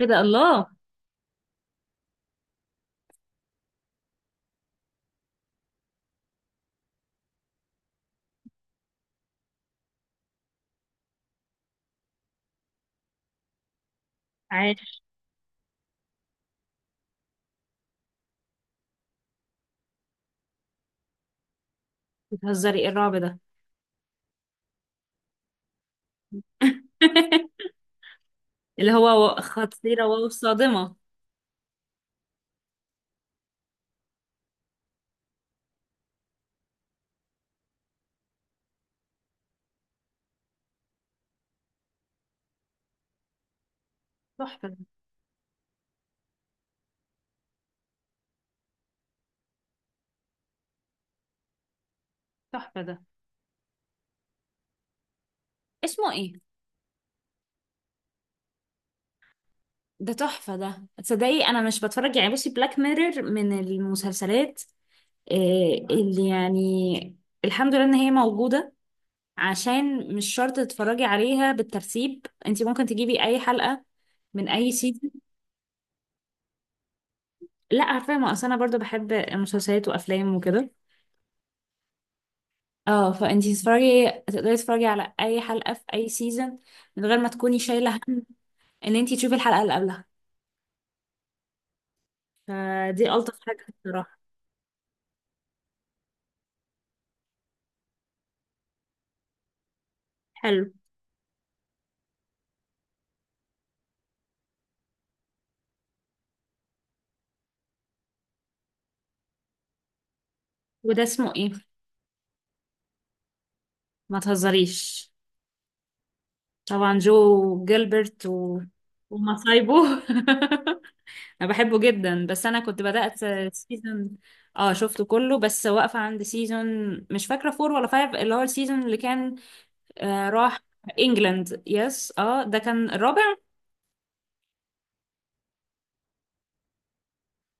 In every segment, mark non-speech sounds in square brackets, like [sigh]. ايه ده الله. بتهزري ايه الرعب ده؟ [laughs] اللي هو خطيرة وصادمة. تحفة ده. تحفة ده. اسمه ايه؟ ده تحفة ده، تصدقي انا مش بتفرج يعني، بصي بلاك ميرور من المسلسلات. إيه اللي الحمد لله ان هي موجودة، عشان مش شرط تتفرجي عليها بالترتيب، انت ممكن تجيبي اي حلقة من اي سيزون. لا عارفة، ما اصل انا برضو بحب مسلسلات وافلام وكده. اه فانتي تتفرجي، تقدري تتفرجي على اي حلقة في اي سيزون من غير ما تكوني شايلة هم ان انتي تشوفي الحلقة اللي قبلها. فدي الطف حاجة الصراحة. حلو. وده اسمه ايه؟ ما تهزريش. طبعا جو جيلبرت و... ومصايبه. [laughs] انا بحبه جدا بس انا كنت بدأت سيزون. اه شفته كله، بس واقفة عند سيزون مش فاكرة فور ولا فايف، اللي هو السيزون اللي كان آه راح انجلاند. يس، اه ده كان الرابع.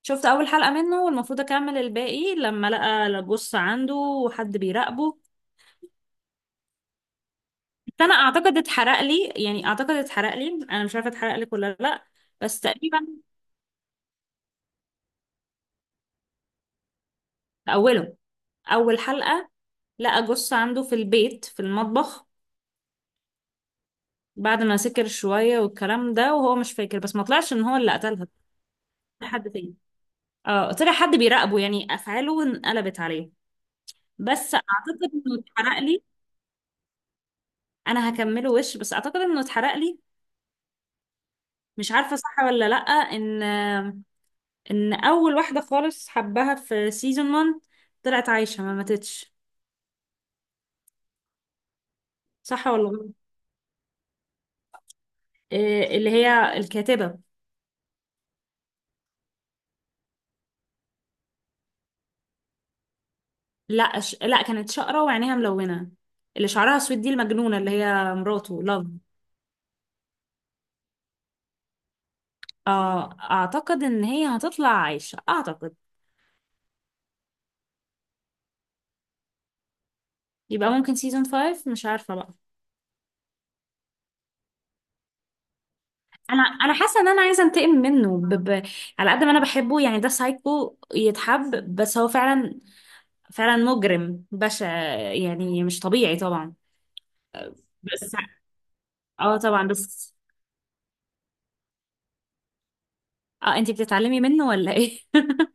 شفت اول حلقة منه، والمفروض اكمل الباقي لما لقى، بص، عنده وحد بيراقبه. بس انا اعتقد اتحرق لي، يعني اعتقد اتحرق لي. انا مش عارفة اتحرق لك ولا لا. بس تقريبا في اوله، اول حلقة، لقى جص عنده في البيت في المطبخ بعد ما سكر شوية والكلام ده، وهو مش فاكر، بس ما طلعش ان هو اللي قتلها. طلع حد تاني. اه طلع حد بيراقبه يعني، افعاله انقلبت عليه. بس اعتقد انه اتحرق لي. انا هكمله وش، بس اعتقد انه اتحرق لي. مش عارفة صح ولا لأ ان ان اول واحده خالص حبها في سيزون 1 طلعت عايشه، ما ماتتش. صح ولا غلط؟ إيه اللي هي الكاتبه. لا كانت شقره وعينيها ملونه. اللي شعرها اسود دي المجنونه اللي هي مراته لاف. آه اعتقد ان هي هتطلع عايشه، اعتقد. يبقى ممكن سيزون 5، مش عارفه بقى. انا حاسه ان انا عايزه انتقم منه على قد ما انا بحبه، يعني ده سايكو يتحب، بس هو فعلا، فعلا مجرم بشع، يعني مش طبيعي طبعا. بس اه طبعا. بس اه انتي بتتعلمي منه ولا ايه؟ [laughs]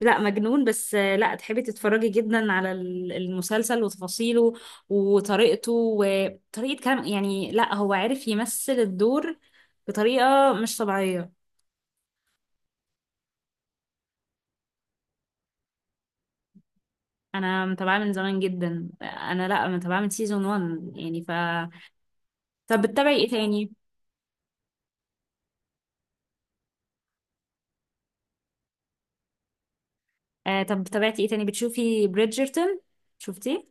لا مجنون بس. لا تحبي تتفرجي جدا على المسلسل وتفاصيله وطريقته وطريقة كلام، يعني لا هو عارف يمثل الدور بطريقة مش طبيعية. انا متابعاه من زمان جدا، انا لا متابعاه من سيزون 1 يعني ف... طب بتتابعي ايه تاني؟ آه طب تابعتي ايه تاني؟ بتشوفي بريدجرتون؟ شفتيه؟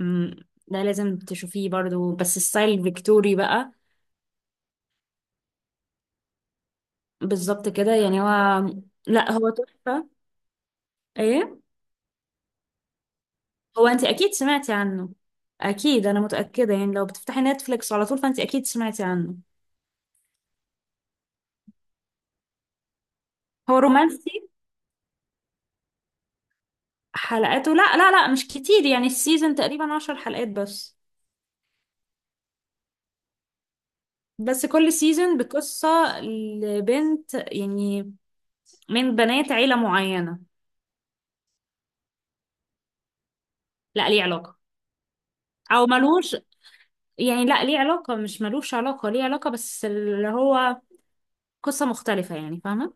امم ده لازم تشوفيه برضو، بس ستايل فيكتوري بقى. بالظبط كده يعني هو... لا هو تحفة. ايه؟ هو انت اكيد سمعتي عنه، اكيد انا متأكدة يعني. لو بتفتحي نتفليكس على طول فانت اكيد سمعتي عنه. هو رومانسي. حلقاته لا مش كتير، يعني السيزون تقريبا عشر حلقات بس. بس كل سيزون بقصة لبنت يعني، من بنات عيلة معينة. لا ليه علاقة، او ملوش، يعني لا ليه علاقة، مش ملوش علاقة، ليه علاقة، بس اللي هو قصة مختلفة يعني، فاهمة؟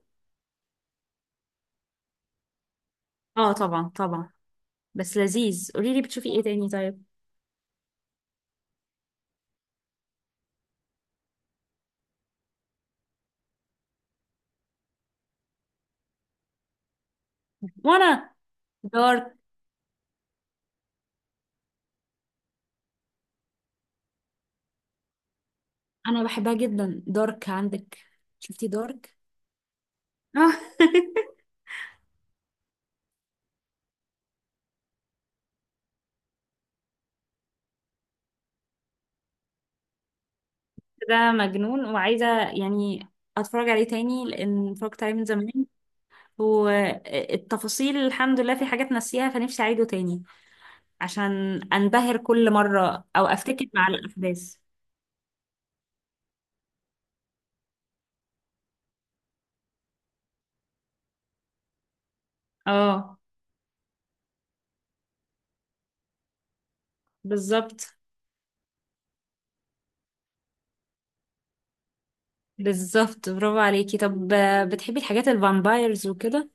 اه طبعا طبعا. بس لذيذ، قولي لي بتشوفي ايه تاني طيب. وانا دارك. انا بحبها جدا، دارك عندك؟ شفتي دارك؟ آه. [laughs] ده مجنون، وعايزة يعني أتفرج عليه تاني لأن اتفرجت عليه من زمان والتفاصيل الحمد لله في حاجات ناسيها، فنفسي أعيده تاني عشان أنبهر كل مرة أو أفتكر مع الأحداث. اه بالظبط. بالظبط، برافو عليكي. طب بتحبي الحاجات الفامبايرز وكده؟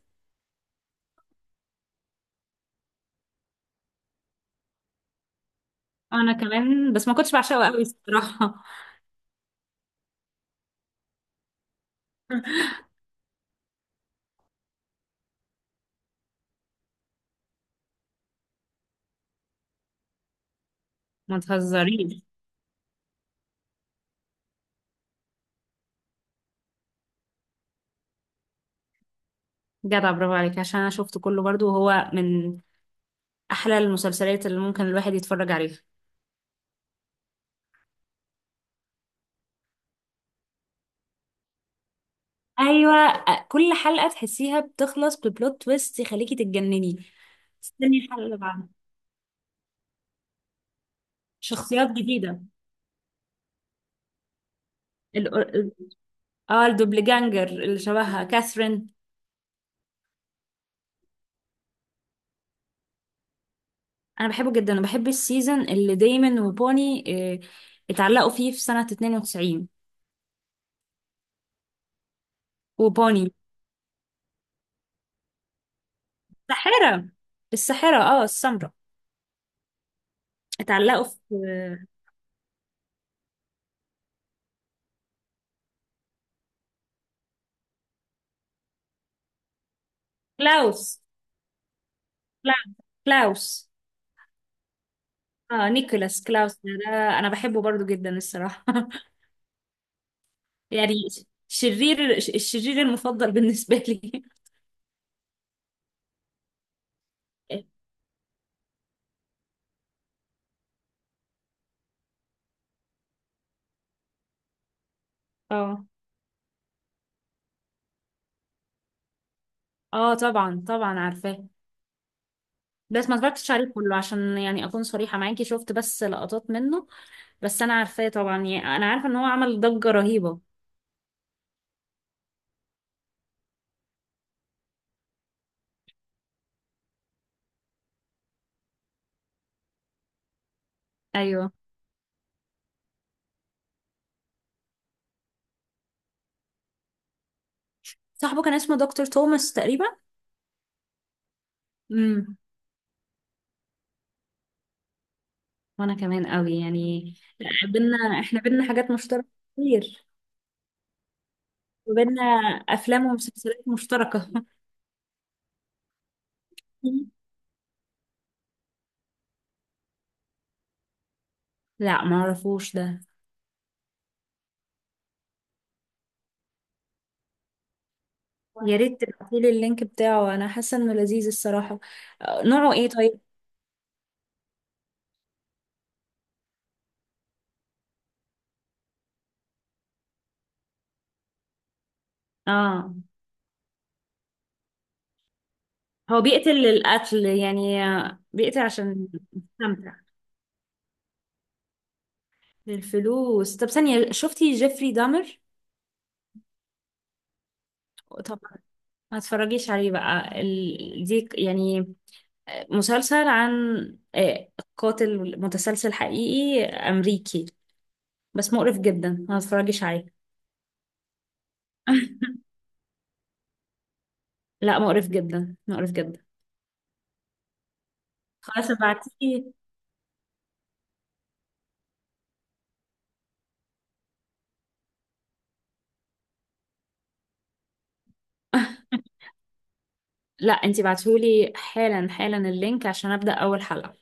أنا كمان، بس ما كنتش بعشقها قوي الصراحة. [laughs] ما تهزريش. جدع، برافو عليك، عشان انا شفته كله برضو وهو من احلى المسلسلات اللي ممكن الواحد يتفرج عليها. ايوه، كل حلقه تحسيها بتخلص ببلوت تويست يخليكي تتجنني، تستني الحلقه اللي بعدها. شخصيات جديده، ال- ال- اه الدوبلجانجر اللي شبهها كاثرين. انا بحبه جدا، وبحب السيزون اللي دايما وبوني آه، اتعلقوا فيه في سنة 92. وبوني الساحرة. الساحرة اه، السمراء. اتعلقوا في كلاوس. كلاوس، كلاوس. اه نيكولاس كلاوس ده. انا بحبه برضو جدا الصراحة. [laughs] يعني الشرير المفضل بالنسبة لي. [laughs] اه. اه طبعا طبعا عارفاه، بس ما اتفرجتش عليه كله، عشان يعني اكون صريحة معاكي، شفت بس لقطات منه. بس انا عارفاه طبعا، يعني انا عارفة ان هو عمل ضجة رهيبة. ايوه، صاحبه كان اسمه دكتور توماس تقريبا. امم وانا كمان قوي يعني، بينا احنا، بينا حاجات مشتركة كتير، وبينا افلام ومسلسلات مشتركة. لا معرفوش ده. يا ريت تبعتيلي اللينك بتاعه، انا حاسه انه لذيذ الصراحه. نوعه ايه طيب؟ اه هو بيقتل القتل يعني، بيقتل عشان يستمتع، للفلوس؟ طب ثانيه، شفتي جيفري دامر؟ طب ما تتفرجيش عليه بقى، دي يعني مسلسل عن آه، قاتل متسلسل حقيقي امريكي، بس مقرف جدا، ما تتفرجيش عليه. [laughs] لا مقرف جدا، مقرف جدا. خلاص ابعتيه. [laughs] لا انتي بعتهولي حالا حالا اللينك عشان ابدأ اول حلقة.